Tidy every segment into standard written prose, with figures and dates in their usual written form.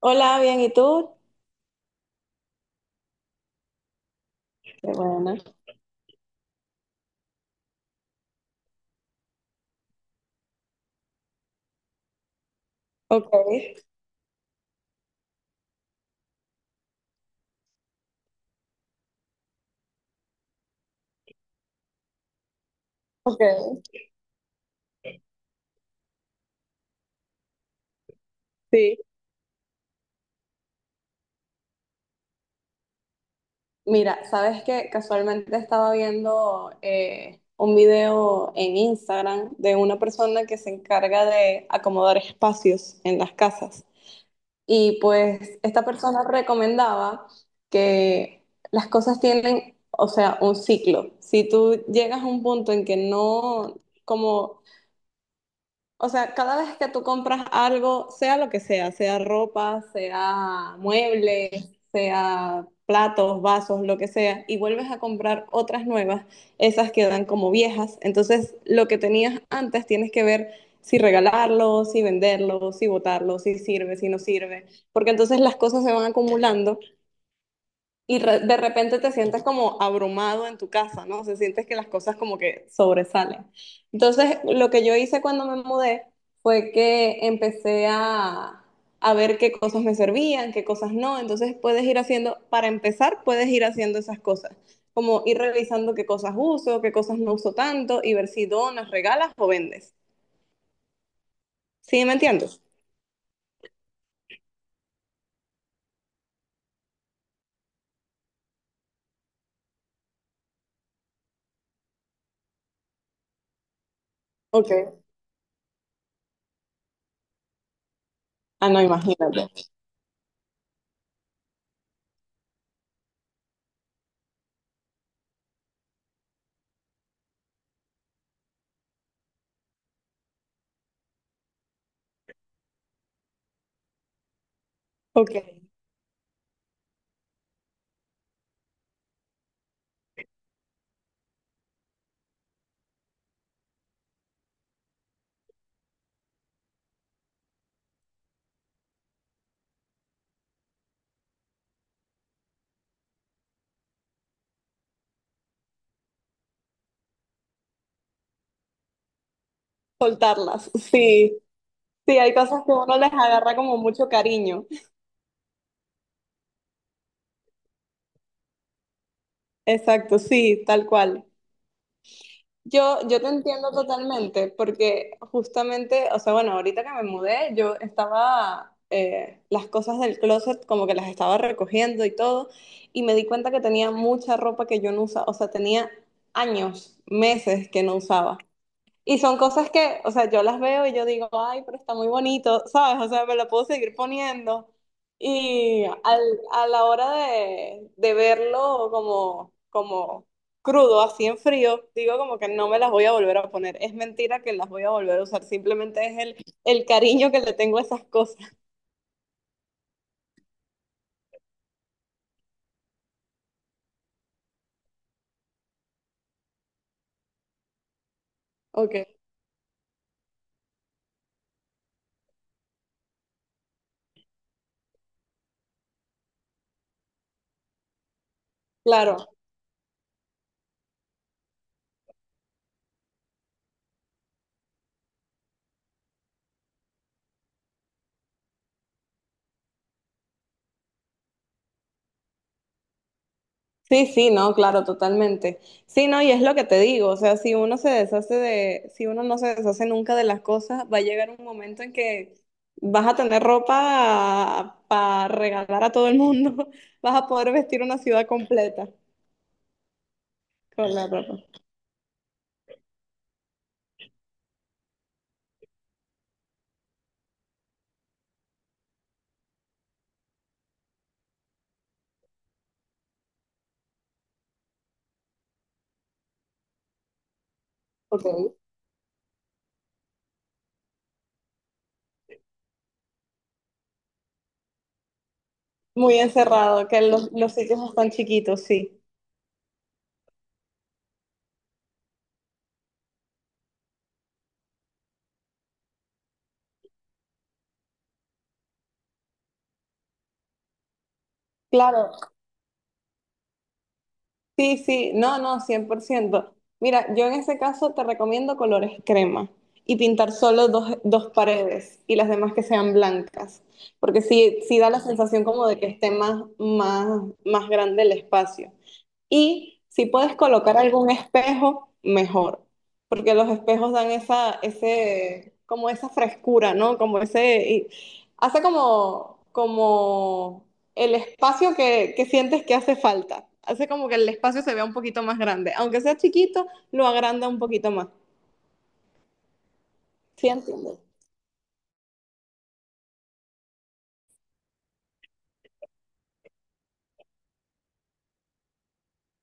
Hola, bien, ¿y tú? Qué bueno. Ok, ok. Sí. Mira, sabes que casualmente estaba viendo un video en Instagram de una persona que se encarga de acomodar espacios en las casas. Y pues esta persona recomendaba que las cosas tienen, o sea, un ciclo. Si tú llegas a un punto en que no, como o sea, cada vez que tú compras algo, sea lo que sea, sea ropa, sea muebles, sea platos, vasos, lo que sea, y vuelves a comprar otras nuevas, esas quedan como viejas. Entonces, lo que tenías antes tienes que ver si regalarlo, si venderlo, si botarlo, si sirve, si no sirve, porque entonces las cosas se van acumulando y de repente te sientes como abrumado en tu casa, ¿no? O sea, sientes que las cosas como que sobresalen. Entonces, lo que yo hice cuando me mudé fue que empecé a ver qué cosas me servían, qué cosas no. Entonces, puedes ir haciendo, para empezar, puedes ir haciendo esas cosas, como ir revisando qué cosas uso, qué cosas no uso tanto y ver si donas, regalas o vendes. ¿Sí me entiendes? Ok. Ah, no, imagínate. Ok. Soltarlas, sí. Sí, hay cosas que uno les agarra como mucho cariño. Exacto, sí, tal cual. Yo te entiendo totalmente, porque justamente, o sea, bueno, ahorita que me mudé, yo estaba, las cosas del closet como que las estaba recogiendo y todo, y me di cuenta que tenía mucha ropa que yo no usaba, o sea, tenía años, meses que no usaba. Y son cosas que, o sea, yo las veo y yo digo, ay, pero está muy bonito, ¿sabes? O sea, me lo puedo seguir poniendo. Y a la hora de verlo como, como crudo, así en frío, digo como que no me las voy a volver a poner. Es mentira que las voy a volver a usar, simplemente es el cariño que le tengo a esas cosas. Ok, claro. Sí, sí, no, claro, totalmente. Sí, no, y es lo que te digo, o sea, si uno se deshace de, si uno no se deshace nunca de las cosas, va a llegar un momento en que vas a tener ropa para regalar a todo el mundo, vas a poder vestir una ciudad completa con la ropa. Ok. Muy encerrado, que los sitios están chiquitos, sí. Claro, sí, sí, no, no, cien por ciento. Mira, yo en ese caso te recomiendo colores crema y pintar solo dos, dos paredes y las demás que sean blancas, porque sí, sí da la sensación como de que esté más, más, más grande el espacio. Y si puedes colocar algún espejo, mejor, porque los espejos dan esa, ese, como esa frescura, ¿no? Como ese, y hace como, como el espacio que sientes que hace falta. Hace como que el espacio se vea un poquito más grande. Aunque sea chiquito, lo agranda un poquito más. ¿Sí entiendes?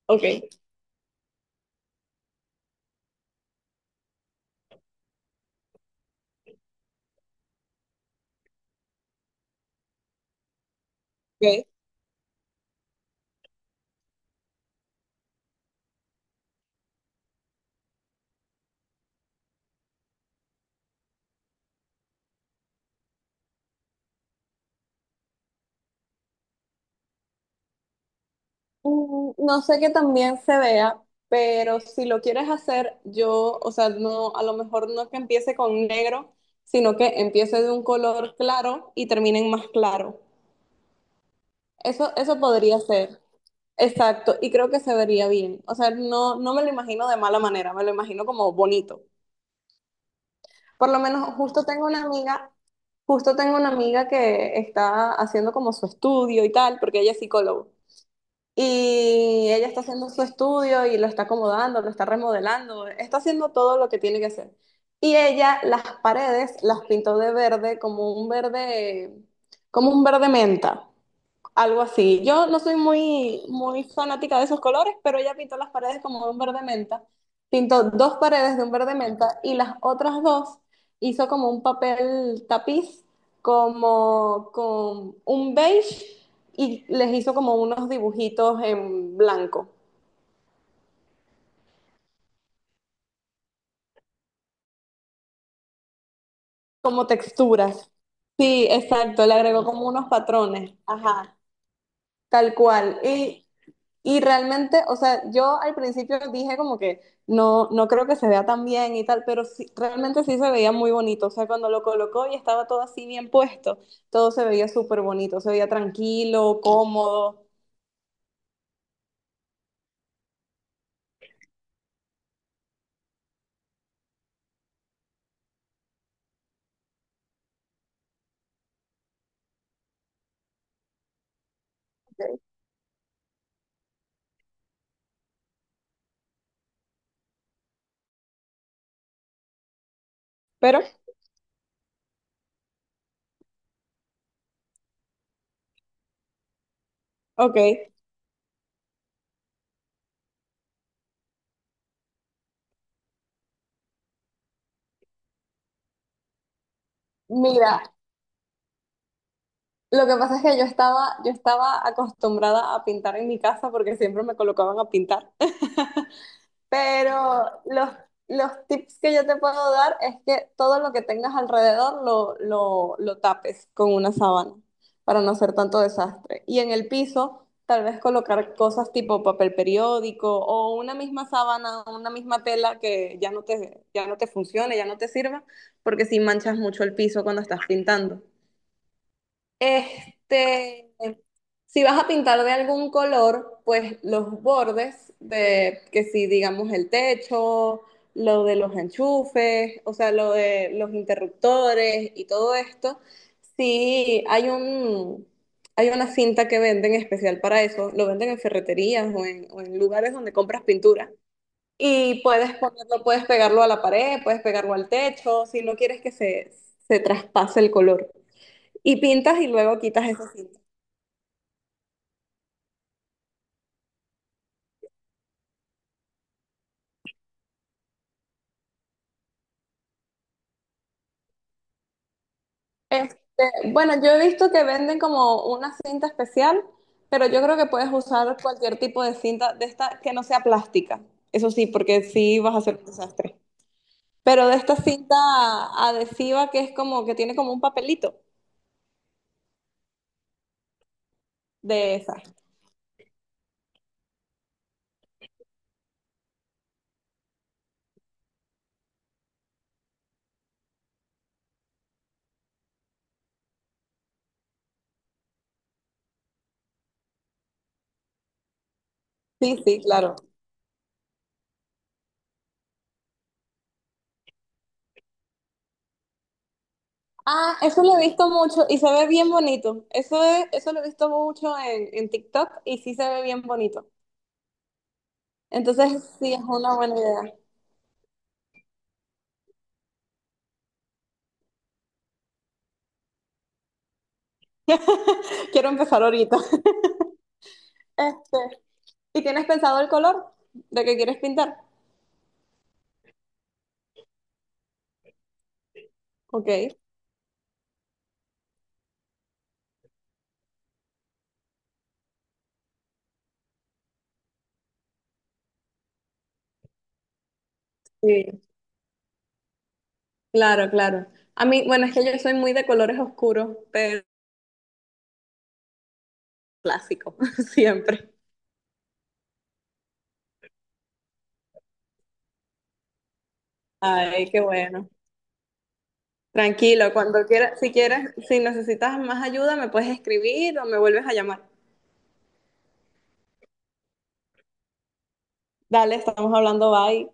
Ok. Ok. No sé que también se vea, pero si lo quieres hacer, yo, o sea, no, a lo mejor no que empiece con negro, sino que empiece de un color claro y termine en más claro. Eso podría ser. Exacto, y creo que se vería bien. O sea, no, no me lo imagino de mala manera, me lo imagino como bonito. Por lo menos, justo tengo una amiga, justo tengo una amiga que está haciendo como su estudio y tal, porque ella es psicóloga. Y ella está haciendo su estudio y lo está acomodando, lo está remodelando, está haciendo todo lo que tiene que hacer. Y ella las paredes las pintó de verde, como un verde, como un verde menta. Algo así. Yo no soy muy, muy fanática de esos colores, pero ella pintó las paredes como de un verde menta. Pintó dos paredes de un verde menta y las otras dos hizo como un papel tapiz, como con un beige y les hizo como unos dibujitos en blanco, como texturas. Sí, exacto, le agregó como unos patrones. Ajá, tal cual. Y realmente, o sea, yo al principio dije como que no, no creo que se vea tan bien y tal, pero sí, realmente sí se veía muy bonito. O sea, cuando lo colocó y estaba todo así bien puesto, todo se veía súper bonito, se veía tranquilo, cómodo. Ok. Pero, ok, mira, lo que pasa es que yo estaba acostumbrada a pintar en mi casa porque siempre me colocaban a pintar. Pero los tips que yo te puedo dar es que todo lo que tengas alrededor lo tapes con una sábana para no hacer tanto desastre. Y en el piso, tal vez colocar cosas tipo papel periódico o una misma sábana, una misma tela que ya no te funcione, ya no te sirva, porque si manchas mucho el piso cuando estás pintando. Este, si vas a pintar de algún color, pues los bordes de, que si digamos el techo, lo de los enchufes, o sea, lo de los interruptores y todo esto, sí hay un, hay una cinta que venden especial para eso, lo venden en ferreterías o en lugares donde compras pintura. Y puedes ponerlo, puedes pegarlo a la pared, puedes pegarlo al techo, si no quieres que se traspase el color. Y pintas y luego quitas esa cinta. Este, bueno, yo he visto que venden como una cinta especial, pero yo creo que puedes usar cualquier tipo de cinta de esta que no sea plástica. Eso sí, porque sí vas a hacer un desastre. Pero de esta cinta adhesiva que es como que tiene como un papelito de esa. Sí, sí, claro. Ah, eso lo he visto mucho y se ve bien bonito. Eso es, eso lo he visto mucho en TikTok y sí se ve bien bonito. Entonces, sí, es una buena idea. Quiero empezar ahorita. Este. ¿Y tienes pensado el color de que quieres pintar? Ok. Sí, claro, claro. A mí, bueno, es que yo soy muy de colores oscuros, pero clásico, siempre. Ay, qué bueno. Tranquilo, cuando quieras, si quieres, si necesitas más ayuda, me puedes escribir o me vuelves a llamar. Dale, estamos hablando, bye.